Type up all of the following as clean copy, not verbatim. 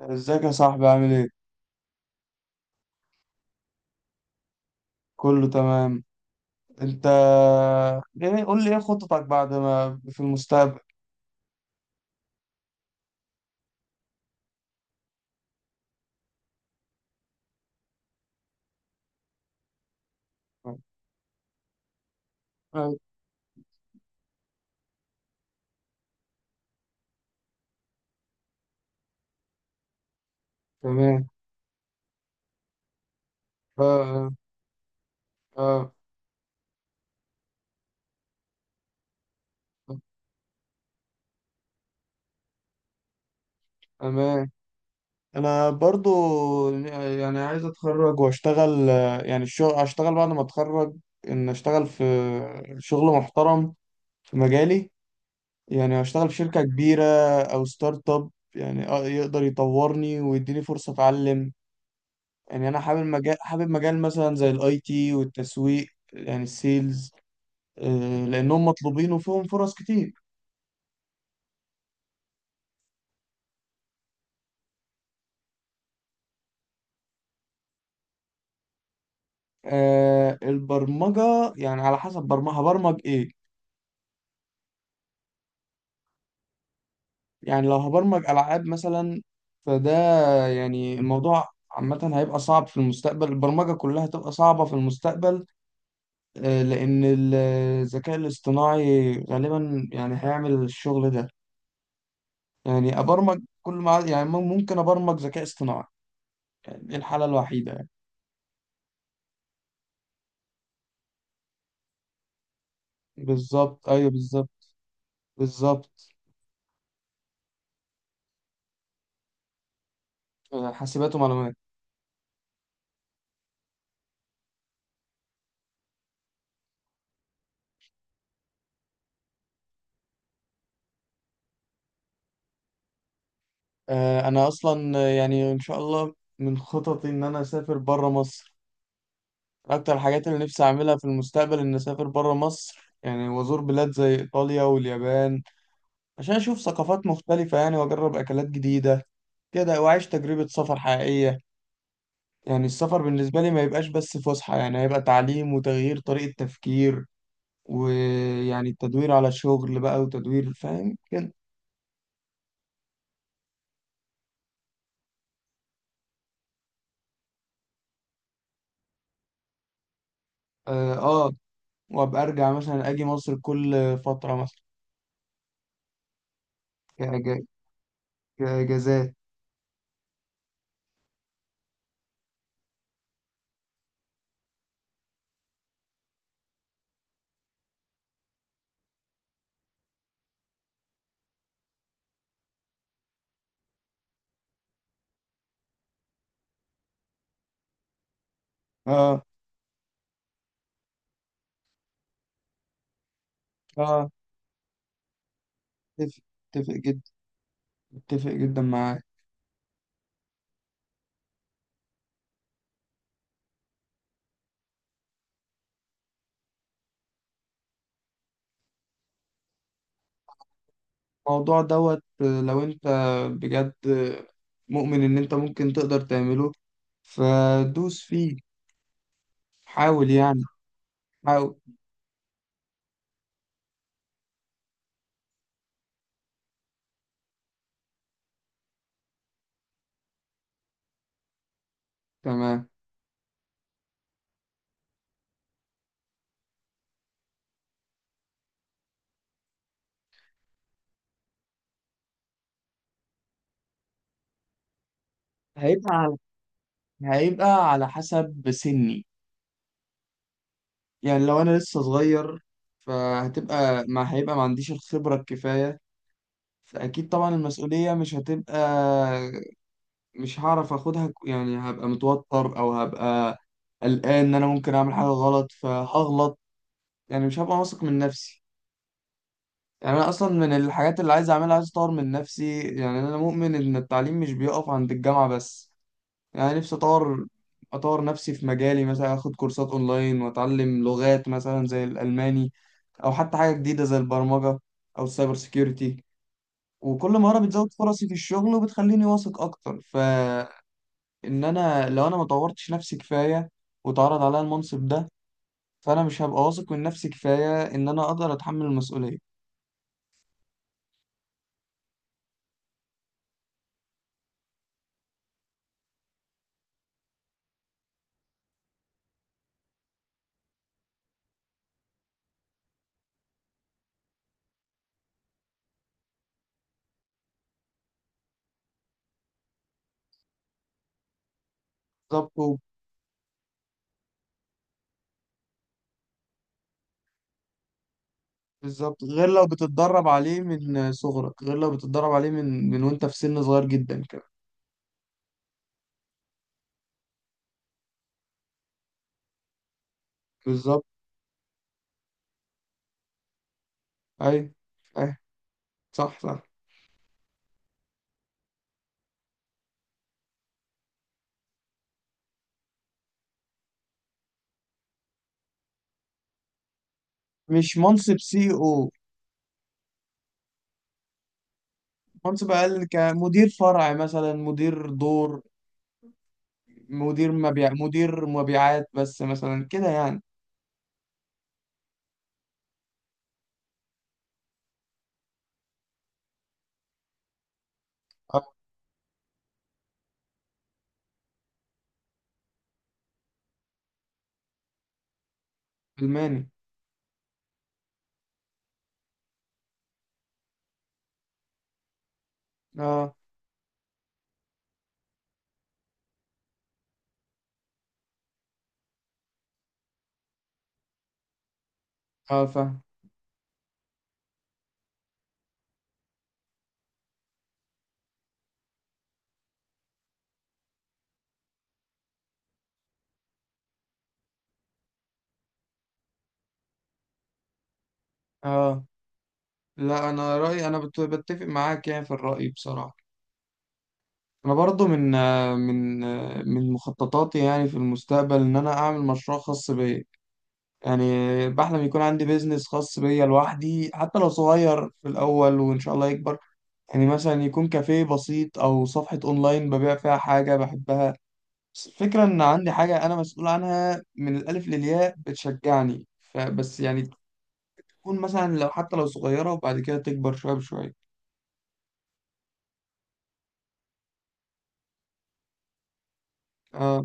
ازيك يا صاحبي؟ عامل ايه؟ كله تمام. انت؟ يعني قول لي ايه خططك بعد ما في المستقبل. آه، تمام. آه، آه، آه، تمام. انا برضو يعني عايز اتخرج واشتغل، يعني الشغل اشتغل بعد ما اتخرج. ان اشتغل في شغل محترم في مجالي، يعني اشتغل في شركة كبيرة او ستارت اب، يعني يقدر يطورني ويديني فرصة اتعلم. يعني انا حابب مجال مثلا زي الاي تي والتسويق، يعني السيلز، لانهم مطلوبين وفيهم فرص كتير. البرمجة يعني على حسب برمجة هبرمج ايه. يعني لو هبرمج العاب مثلا، فده يعني الموضوع عامة هيبقى صعب في المستقبل، البرمجة كلها هتبقى صعبة في المستقبل. لأن الذكاء الاصطناعي غالبا يعني هيعمل الشغل ده. يعني أبرمج، كل ما يعني ممكن أبرمج ذكاء اصطناعي، يعني دي الحالة الوحيدة. بالظبط، ايوه بالظبط. بالظبط. حاسبات ومعلومات. انا اصلا يعني ان شاء الله من خططي ان انا اسافر بره مصر. اكتر الحاجات اللي نفسي اعملها في المستقبل ان اسافر بره مصر، يعني وازور بلاد زي ايطاليا واليابان، عشان اشوف ثقافات مختلفة يعني، واجرب اكلات جديدة كده، واعيش تجربة سفر حقيقية. يعني السفر بالنسبة لي ما يبقاش بس فسحة، يعني هيبقى تعليم وتغيير طريقة تفكير. ويعني التدوير على الشغل بقى وتدوير، فاهم كده. اه آه. وابقى ارجع مثلا اجي مصر كل فتره مثلا. كأج- كاجازات. اه اه. اتفق، اتفق جدا، اتفق جدا معاك. الموضوع دوت لو انت بجد مؤمن ان انت ممكن تقدر تعمله فدوس فيه. حاول يعني، حاول. تمام. هيبقى على هيبقى على حسب سني. يعني لو انا لسه صغير، فهتبقى، ما عنديش الخبرة الكفاية، فأكيد طبعا المسؤولية مش هتبقى، مش هعرف اخدها يعني هبقى متوتر او هبقى قلقان ان انا ممكن اعمل حاجه غلط فهغلط، يعني مش هبقى واثق من نفسي. يعني انا اصلا من الحاجات اللي عايز اعملها عايز اطور من نفسي، يعني انا مؤمن ان التعليم مش بيقف عند الجامعه بس. يعني نفسي اطور اطور نفسي في مجالي، مثلا اخد كورسات اونلاين واتعلم لغات مثلا زي الالماني، او حتى حاجه جديده زي البرمجه او السايبر سيكيورتي. وكل مهاره بتزود فرصي في الشغل وبتخليني واثق اكتر. ف ان انا، لو انا ما طورتش نفسي كفايه واتعرض عليا المنصب ده، فانا مش هبقى واثق من نفسي كفايه ان انا اقدر اتحمل المسؤوليه. بالظبط و- بالظبط، غير لو بتتدرب عليه من صغرك، غير لو بتتدرب عليه من وانت في سن صغير جدا كمان. بالظبط. اي اي، صح. مش منصب سي او، منصب اقل كمدير فرع مثلا، مدير دور، مدير مبيع، مدير مبيعات بس مثلا كده يعني. آه، الماني. اه اه فاهم. اه لا، انا رايي انا بتفق معاك يعني في الراي بصراحه. انا برضو من من مخططاتي يعني في المستقبل ان انا اعمل مشروع خاص بيا. يعني بحلم يكون عندي بيزنس خاص بيا لوحدي، حتى لو صغير في الاول وان شاء الله يكبر. يعني مثلا يكون كافيه بسيط او صفحه اونلاين ببيع فيها حاجه بحبها. بس الفكره ان عندي حاجه انا مسؤول عنها من الالف للياء بتشجعني. فبس يعني تكون مثلا، لو حتى لو صغيره، وبعد كده تكبر شويه بشويه. اه.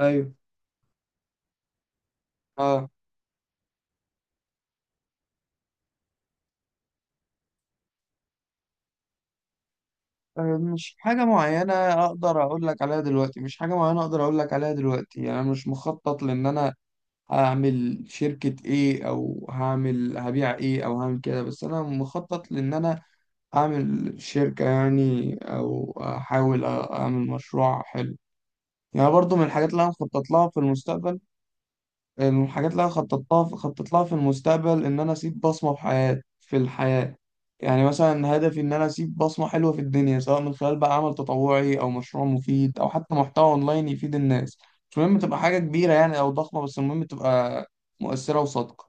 ايوه. اه. أه، مش حاجة معينة أقدر أقول لك عليها دلوقتي، مش حاجة معينة أقدر أقول لك عليها دلوقتي. يعني أنا مش مخطط لأن أنا هعمل شركة إيه، أو هعمل هبيع إيه، أو هعمل كده، بس أنا مخطط لأن أنا أعمل شركة يعني، أو أحاول أعمل مشروع حلو. يعني برضو من الحاجات اللي أنا مخطط لها في المستقبل. الحاجات اللي انا خططت لها في المستقبل ان انا اسيب بصمه في حياتي في الحياه. يعني مثلا هدفي ان انا اسيب بصمه حلوه في الدنيا، سواء من خلال بقى عمل تطوعي او مشروع مفيد او حتى محتوى اونلاين يفيد الناس. مش مهم تبقى حاجه كبيره يعني او ضخمه، بس المهم تبقى مؤثره وصادقه.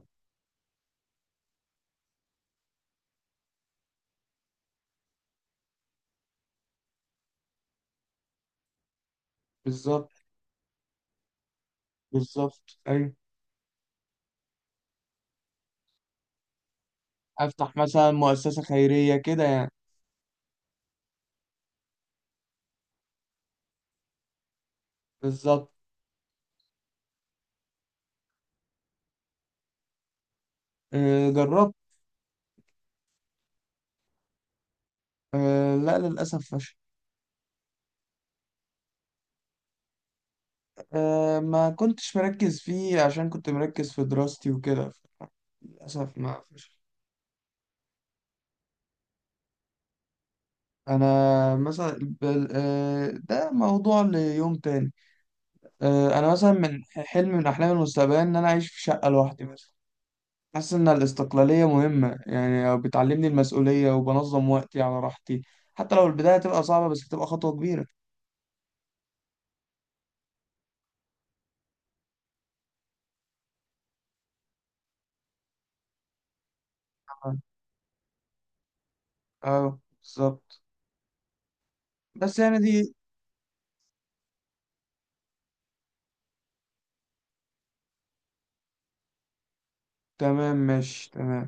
بالظبط. بالظبط ايوه. افتح مثلا مؤسسه خيريه كده يعني. بالظبط. أه جربت. أه لا، للاسف فشل. أه ما كنتش مركز فيه عشان كنت مركز في دراستي وكده، للأسف ما فيش. أنا مثلا ده موضوع ليوم تاني. أنا مثلا من حلم، من أحلام المستقبل، إن أنا أعيش في شقة لوحدي مثلا. حاسس إن الاستقلالية مهمة، يعني بتعلمني المسؤولية وبنظم وقتي على راحتي. حتى لو البداية هتبقى صعبة، بس هتبقى خطوة كبيرة. أه بالظبط. بس يعني دي، تمام ماشي تمام.